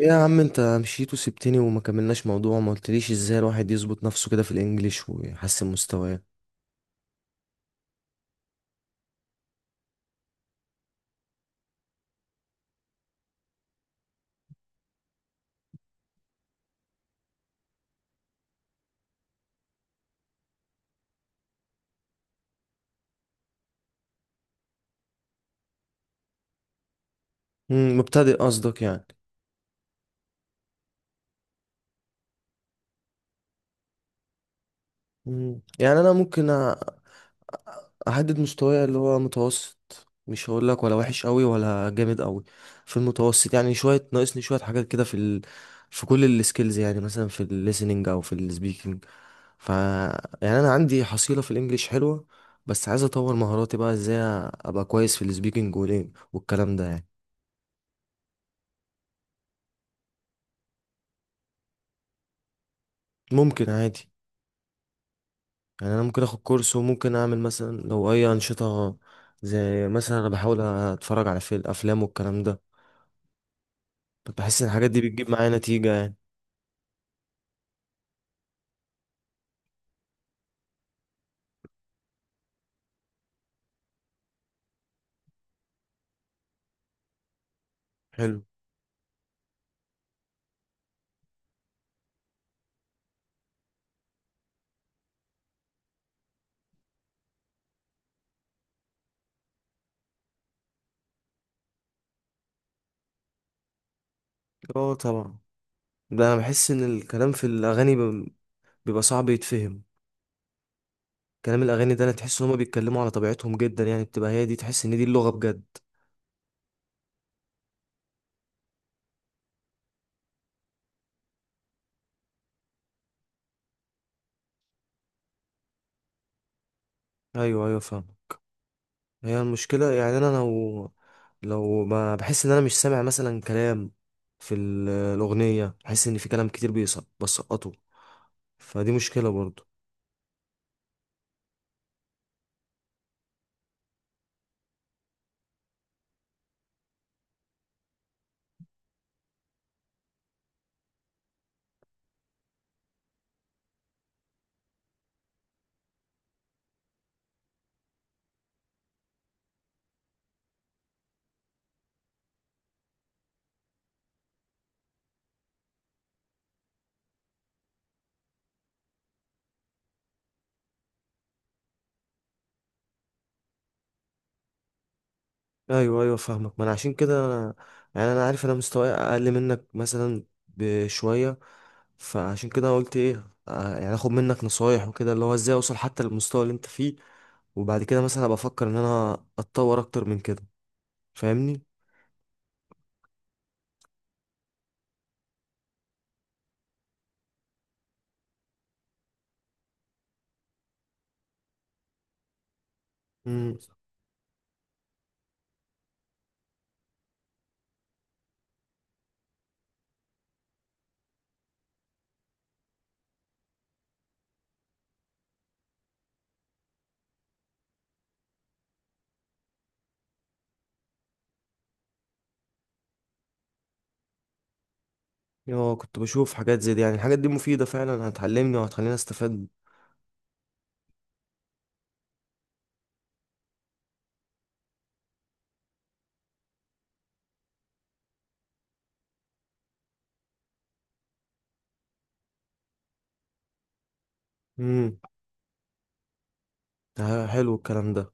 ايه يا عم، انت مشيت وسبتني وما كملناش موضوع. ما قلتليش ازاي الواحد يظبط نفسه كده في الانجليش ويحسن مستواه؟ مبتدئ قصدك يعني؟ يعني انا ممكن أ- احدد مستواي اللي هو متوسط. مش هقول لك ولا وحش قوي ولا جامد قوي، في المتوسط. يعني شويه ناقصني شويه حاجات كده في في كل السكيلز، يعني مثلا في الليسننج او في السبيكنج. ف يعني انا عندي حصيله في الانجليش حلوه، بس عايز اطور مهاراتي بقى. ازاي ابقى كويس في السبيكنج والكلام ده يعني؟ ممكن عادي. يعني انا ممكن اخد كورس وممكن اعمل مثلا لو اي انشطه، زي مثلا انا بحاول اتفرج على فيلم افلام والكلام ده. بحس ان الحاجات دي بتجيب معايا نتيجه يعني. حلو. اه طبعا، ده انا بحس ان الكلام في الاغاني بيبقى صعب يتفهم. كلام الاغاني ده انا تحس ان هما بيتكلموا على طبيعتهم جدا، يعني بتبقى هي دي، تحس ان دي اللغه بجد. ايوه ايوه فاهم. هي المشكله، يعني انا لو ما بحس ان انا مش سامع مثلا كلام في الاغنيه، بحس ان في كلام كتير بيسقط بسقطه، فدي مشكلة برضو. ايوه ايوه فاهمك. ما انا عشان كده انا، يعني انا عارف انا مستواي اقل منك مثلا بشوية. فعشان كده قلت ايه، يعني اخد منك نصايح وكده، اللي هو ازاي اوصل حتى للمستوى اللي انت فيه. وبعد كده مثلا ابقى افكر ان انا اتطور اكتر من كده، فاهمني؟ امم. اه كنت بشوف حاجات زي دي، يعني الحاجات دي مفيدة فعلا، هتعلمني وهتخليني استفاد. امم. حلو الكلام ده.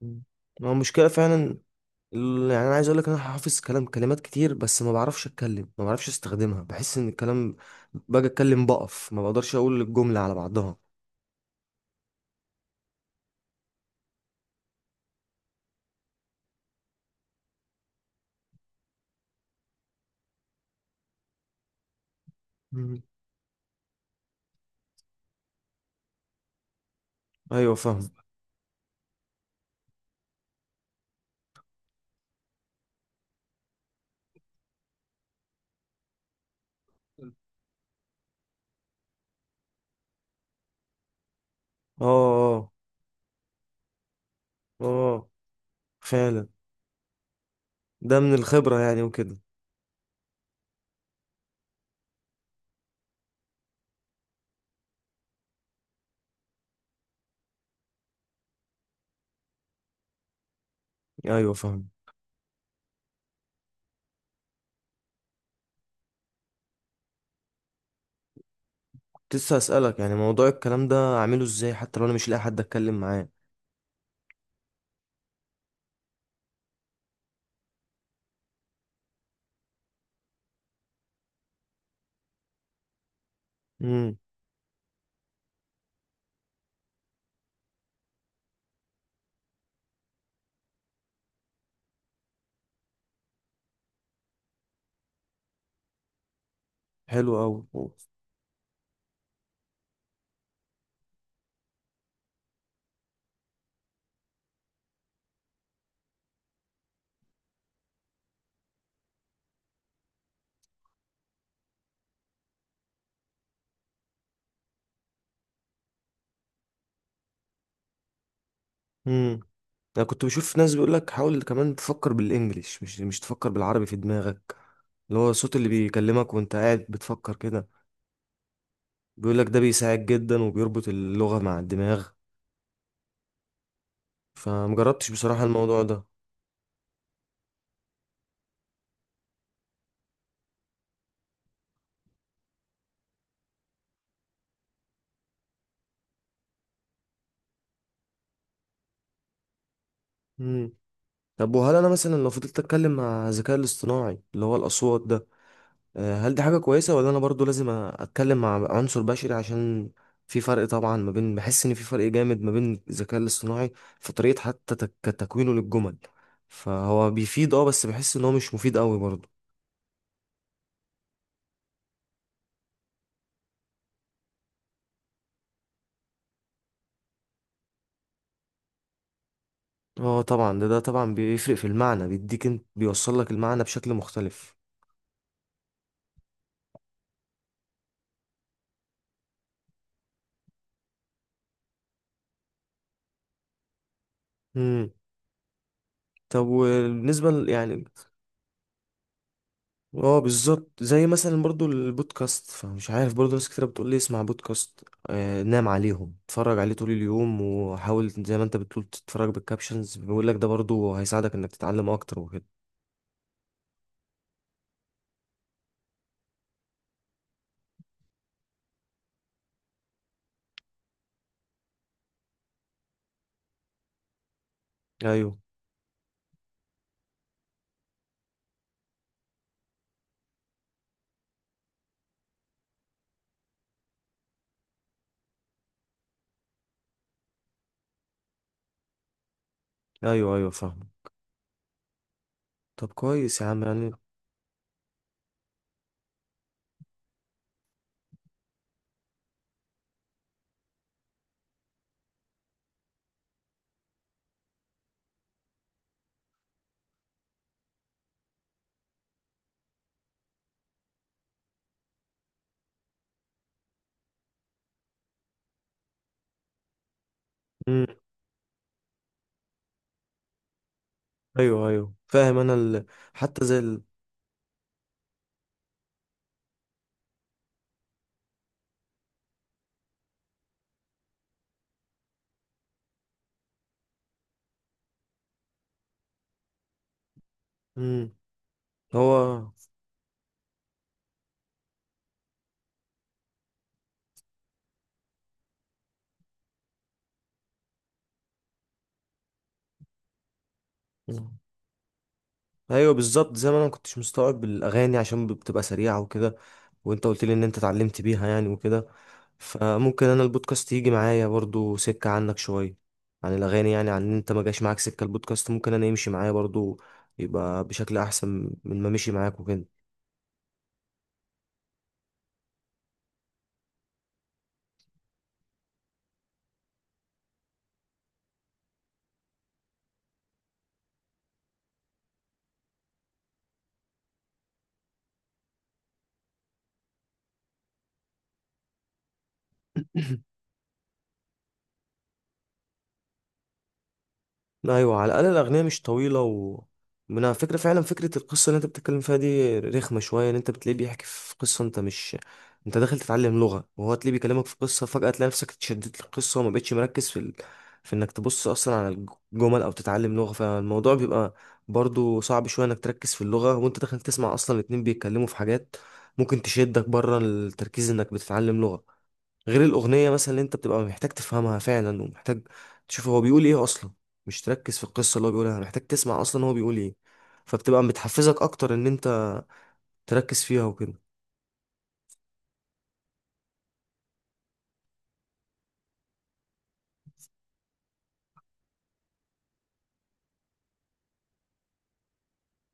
مم. ما هو المشكلة فعلا، يعني انا عايز اقول لك انا حافظ كلام كلمات كتير، بس ما بعرفش اتكلم، ما بعرفش استخدمها. بحس ان الكلام، باجي اتكلم بقف، ما بقدرش اقول الجملة على بعضها. مم. ايوه فاهم. اه اه اه فعلا، ده من الخبرة يعني وكده. ايوه فاهم. كنت لسه اسالك يعني موضوع الكلام ده اعمله ازاي حتى لو انا مش لاقي حد اتكلم معاه. امم. حلو قوي. امم. انا كنت بشوف ناس بيقول لك حاول كمان تفكر بالانجليش، مش تفكر بالعربي في دماغك، اللي هو الصوت اللي بيكلمك وانت قاعد بتفكر كده. بيقول لك ده بيساعد جدا وبيربط اللغة مع الدماغ، فمجربتش بصراحة الموضوع ده. مم. طب، وهل انا مثلا لو فضلت اتكلم مع الذكاء الاصطناعي اللي هو الاصوات ده، هل دي حاجة كويسة ولا انا برضو لازم اتكلم مع عنصر بشري؟ عشان في فرق طبعا ما بين، بحس ان في فرق جامد ما بين الذكاء الاصطناعي في طريقة حتى تكوينه للجمل. فهو بيفيد اه، بس بحس ان هو مش مفيد قوي برضو. اه طبعا، ده طبعا بيفرق في المعنى، بيديك انت، بيوصل لك المعنى بشكل مختلف. طب وبالنسبة يعني اه بالظبط، زي مثلا برضو البودكاست، فمش عارف برضو. ناس كتير بتقول لي اسمع بودكاست، نام عليهم، اتفرج عليه طول اليوم، وحاول زي ما انت بتقول تتفرج بالكابشنز. بيقول لك ده برضو هيساعدك انك تتعلم اكتر وكده. ايوه ايوه ايوه فاهم. طب كويس يا عم يعني. مم. ايوه ايوه فاهم انا حتى زي مم. هو ايوه بالظبط. زي ما انا ما كنتش مستوعب الاغاني عشان بتبقى سريعه وكده، وانت قلت لي ان انت اتعلمت بيها يعني وكده. فممكن انا البودكاست يجي معايا برضو سكه عنك شويه، عن الاغاني يعني. عن ان انت ما جاش معاك سكه البودكاست، ممكن انا يمشي معايا برضو، يبقى بشكل احسن من ما مشي معاك وكده. ايوه على الاقل الاغنيه مش طويله. و من على فكره، فعلا فكره القصه اللي انت بتتكلم فيها دي رخمه شويه، ان انت بتلاقيه بيحكي في قصه، انت مش، انت داخل تتعلم لغه وهو تلاقيه بيكلمك في قصه. فجاه تلاقي نفسك اتشدت للقصه وما بقتش مركز في في انك تبص اصلا على الجمل او تتعلم لغه. فالموضوع بيبقى برضو صعب شويه انك تركز في اللغه، وانت داخل تسمع اصلا الاتنين بيتكلموا في حاجات ممكن تشدك بره التركيز انك بتتعلم لغه. غير الأغنية مثلا اللي أنت بتبقى محتاج تفهمها فعلا، ومحتاج تشوف هو بيقول إيه أصلا، مش تركز في القصة اللي هو بيقولها، محتاج تسمع أصلا هو بيقول إيه. فبتبقى بتحفزك أكتر إن أنت تركز فيها وكده.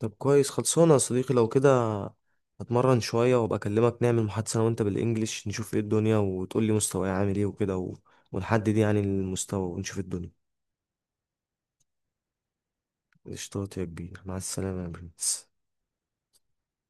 طب كويس، خلصانة يا صديقي لو كده. هتمرن شوية وأبقى أكلمك، نعمل محادثة أنا وأنت بالإنجليش، نشوف إيه الدنيا وتقول لي مستواي عامل إيه وكده ونحدد يعني المستوى ونشوف الدنيا. قشطات يا كبير، مع السلامة يا برنس.